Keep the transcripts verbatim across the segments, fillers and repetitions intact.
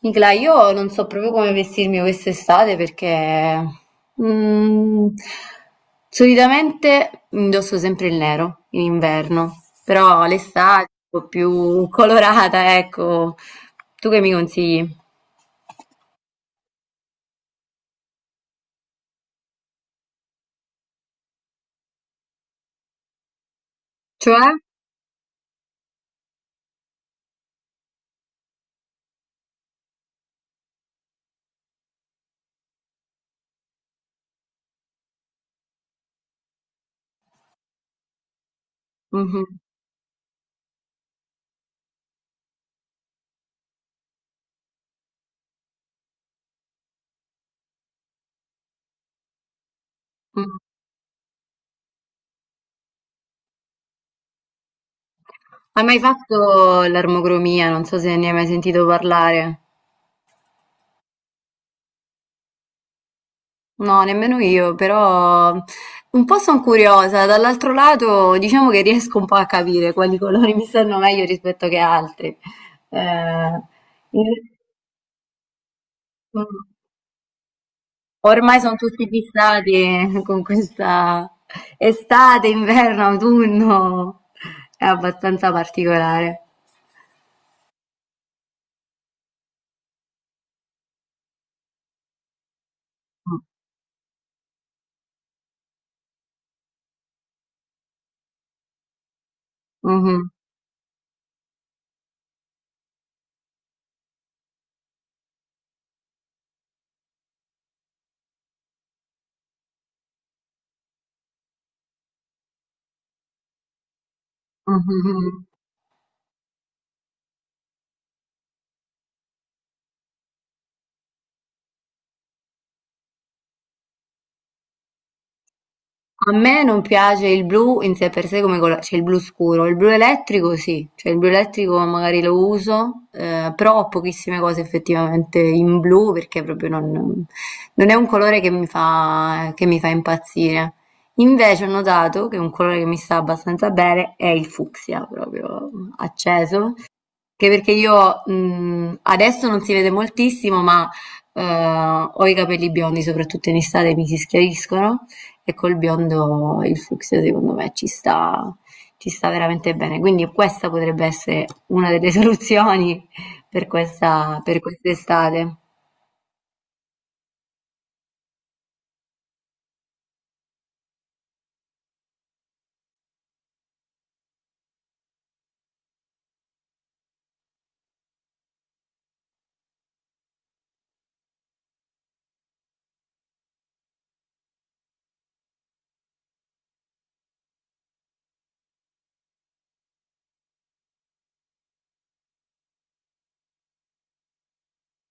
Nicla, io non so proprio come vestirmi quest'estate perché, mm, solitamente indosso sempre il nero in inverno, però l'estate è un po' più colorata, ecco. Tu che mi consigli? Cioè? Mhm, mhm. Hai mai fatto l'armocromia? Non so se ne hai mai sentito parlare. No, nemmeno io, però un po' sono curiosa. Dall'altro lato, diciamo che riesco un po' a capire quali colori mi stanno meglio rispetto che altri. Eh, in- ormai sono tutti fissati con questa estate, inverno, autunno. È abbastanza particolare. Mhm, mhm, mhm. A me non piace il blu in sé per sé come colo- cioè il blu scuro, il blu elettrico sì, cioè il blu elettrico magari lo uso, eh, però ho pochissime cose effettivamente in blu perché proprio non, non è un colore che mi fa, che mi fa impazzire. Invece ho notato che un colore che mi sta abbastanza bene è il fucsia, proprio acceso, che perché io, mhmm, adesso non si vede moltissimo, ma, uhm, ho i capelli biondi, soprattutto in estate mi si schiariscono e col biondo il fucsia secondo me ci sta ci sta veramente bene. Quindi questa potrebbe essere una delle soluzioni per questa per quest'estate.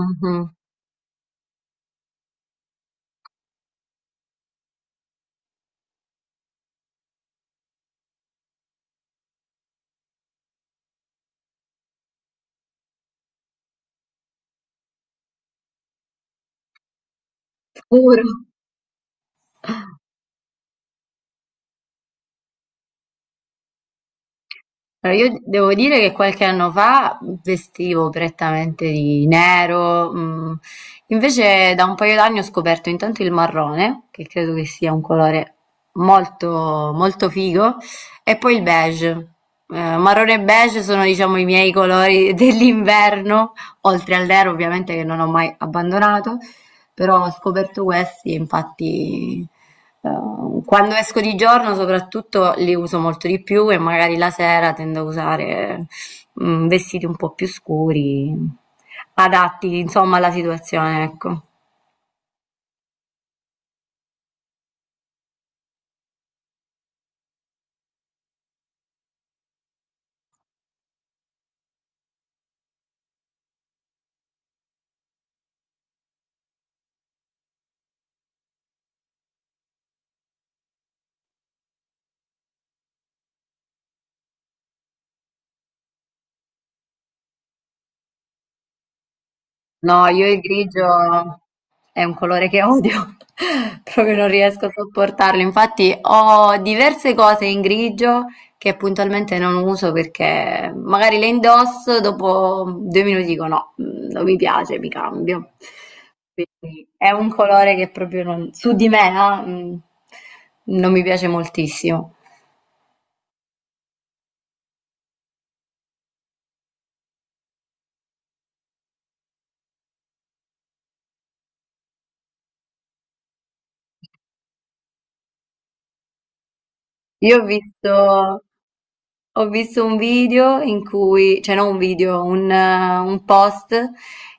Mh-mh. Scuro. Allora, io devo dire che qualche anno fa vestivo prettamente di nero, mm. Invece da un paio d'anni ho scoperto intanto il marrone, che credo che sia un colore molto, molto figo, e poi il beige. Eh, marrone e beige sono, diciamo, i miei colori dell'inverno, oltre al nero ovviamente che non ho mai abbandonato, però ho scoperto questi e infatti eh, quando esco di giorno soprattutto li uso molto di più e magari la sera tendo a usare mm, vestiti un po' più scuri, adatti insomma alla situazione, ecco. No, io il grigio è un colore che odio, proprio non riesco a sopportarlo. Infatti ho diverse cose in grigio che puntualmente non uso perché magari le indosso, dopo due minuti dico no, mm, non mi piace, mi cambio. Quindi è un colore che proprio non- su di me, ah, mm, non mi piace moltissimo. Io ho visto, ho visto un video in cui, cioè non un video, un, eh, un post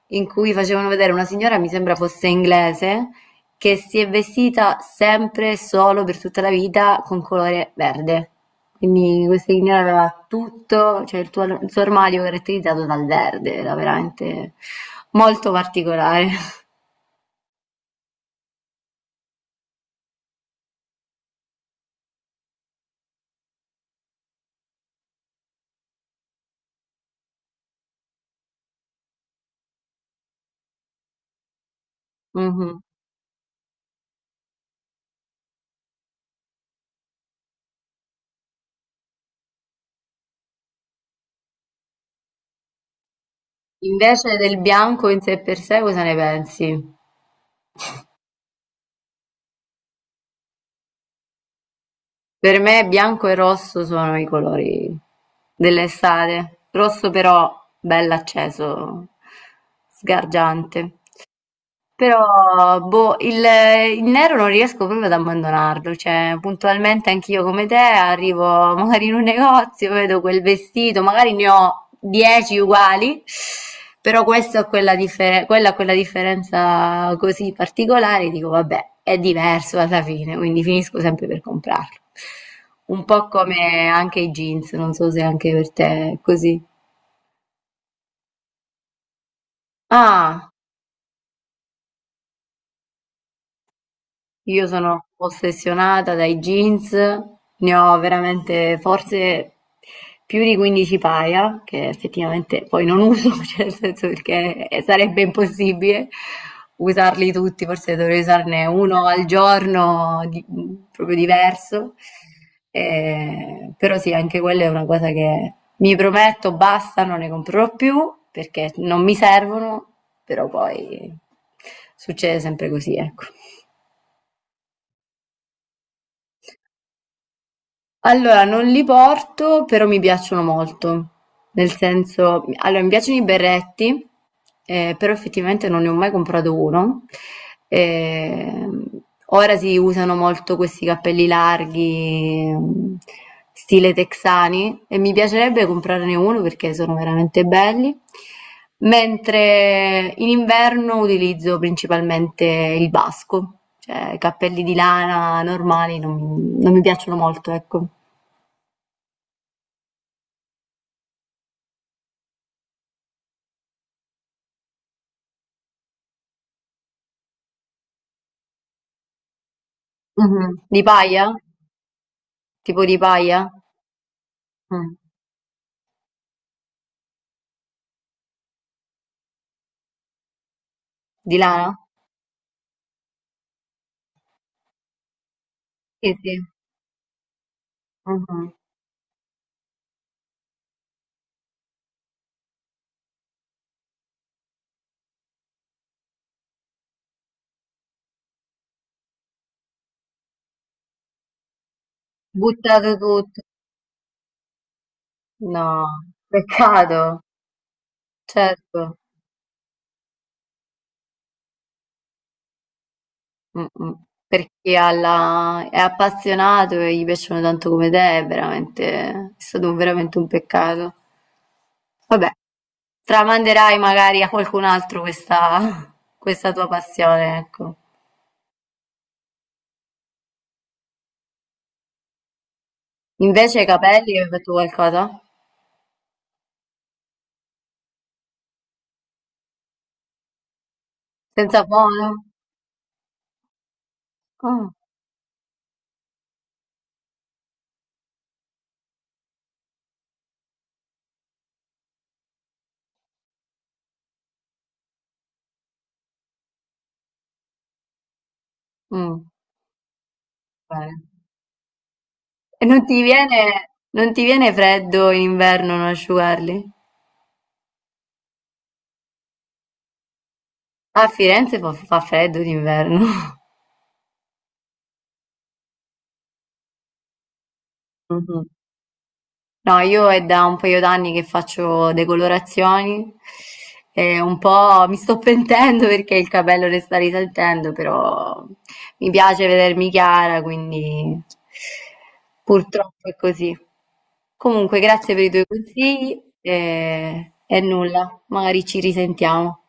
in cui facevano vedere una signora, mi sembra fosse inglese, che si è vestita sempre e solo per tutta la vita con colore verde. Quindi questa signora aveva tutto, cioè il, tuo- il suo armadio caratterizzato dal verde, era veramente molto particolare. Mhm. Invece del bianco in sé per sé, cosa ne pensi? Per me bianco e rosso sono i colori dell'estate, rosso però bell'acceso, sgargiante. Però, boh, il, il nero non riesco proprio ad abbandonarlo, cioè puntualmente anch'io come te arrivo magari in un negozio, vedo quel vestito, magari ne ho dieci uguali, però questo ha quella, differ- quella ha quella differenza così particolare, dico vabbè, è diverso alla fine, quindi finisco sempre per comprarlo. Un po' come anche i jeans, non so se anche per te è così. Ah. Io sono ossessionata dai jeans, ne ho veramente forse più di quindici paia, che effettivamente poi non uso, cioè nel senso perché eh, sarebbe impossibile usarli tutti, forse dovrei usarne uno al giorno, di- proprio diverso. Eh, però sì, anche quella è una cosa che mi prometto, basta, non ne comprerò più perché non mi servono, però poi succede sempre così, ecco. Allora, non li porto, però mi piacciono molto. Nel senso, allora mi piacciono i berretti, eh, però effettivamente non ne ho mai comprato uno. Ehm, ora si usano molto questi cappelli larghi, mm, stile texani, e mi piacerebbe comprarne uno perché sono veramente belli. Mentre in inverno utilizzo principalmente il basco, cioè cappelli di lana normali non, non mi piacciono molto, ecco. Mh-mh. Di paglia? Tipo di paglia? Mh. Di lana? Sì, sì. Mh-mh. Buttato tutto. No, peccato. Certo. Mh-mh. Per chi ha la è appassionato e gli piacciono tanto come te è veramente è stato un veramente un peccato. Vabbè, tramanderai magari a qualcun altro questa questa tua passione, ecco. Invece i capelli, hai fatto qualcosa? Senza fono? Ah, mh, bene. E non ti viene, non ti viene freddo in inverno non asciugarli? A Firenze fa, fa freddo d'inverno. Mhm. No, io è da un paio d'anni che faccio decolorazioni e un po' mi sto pentendo perché il capello ne sta risaltando, però mi piace vedermi chiara, quindi purtroppo è così. Comunque, grazie per i tuoi consigli e, e nulla, magari ci risentiamo.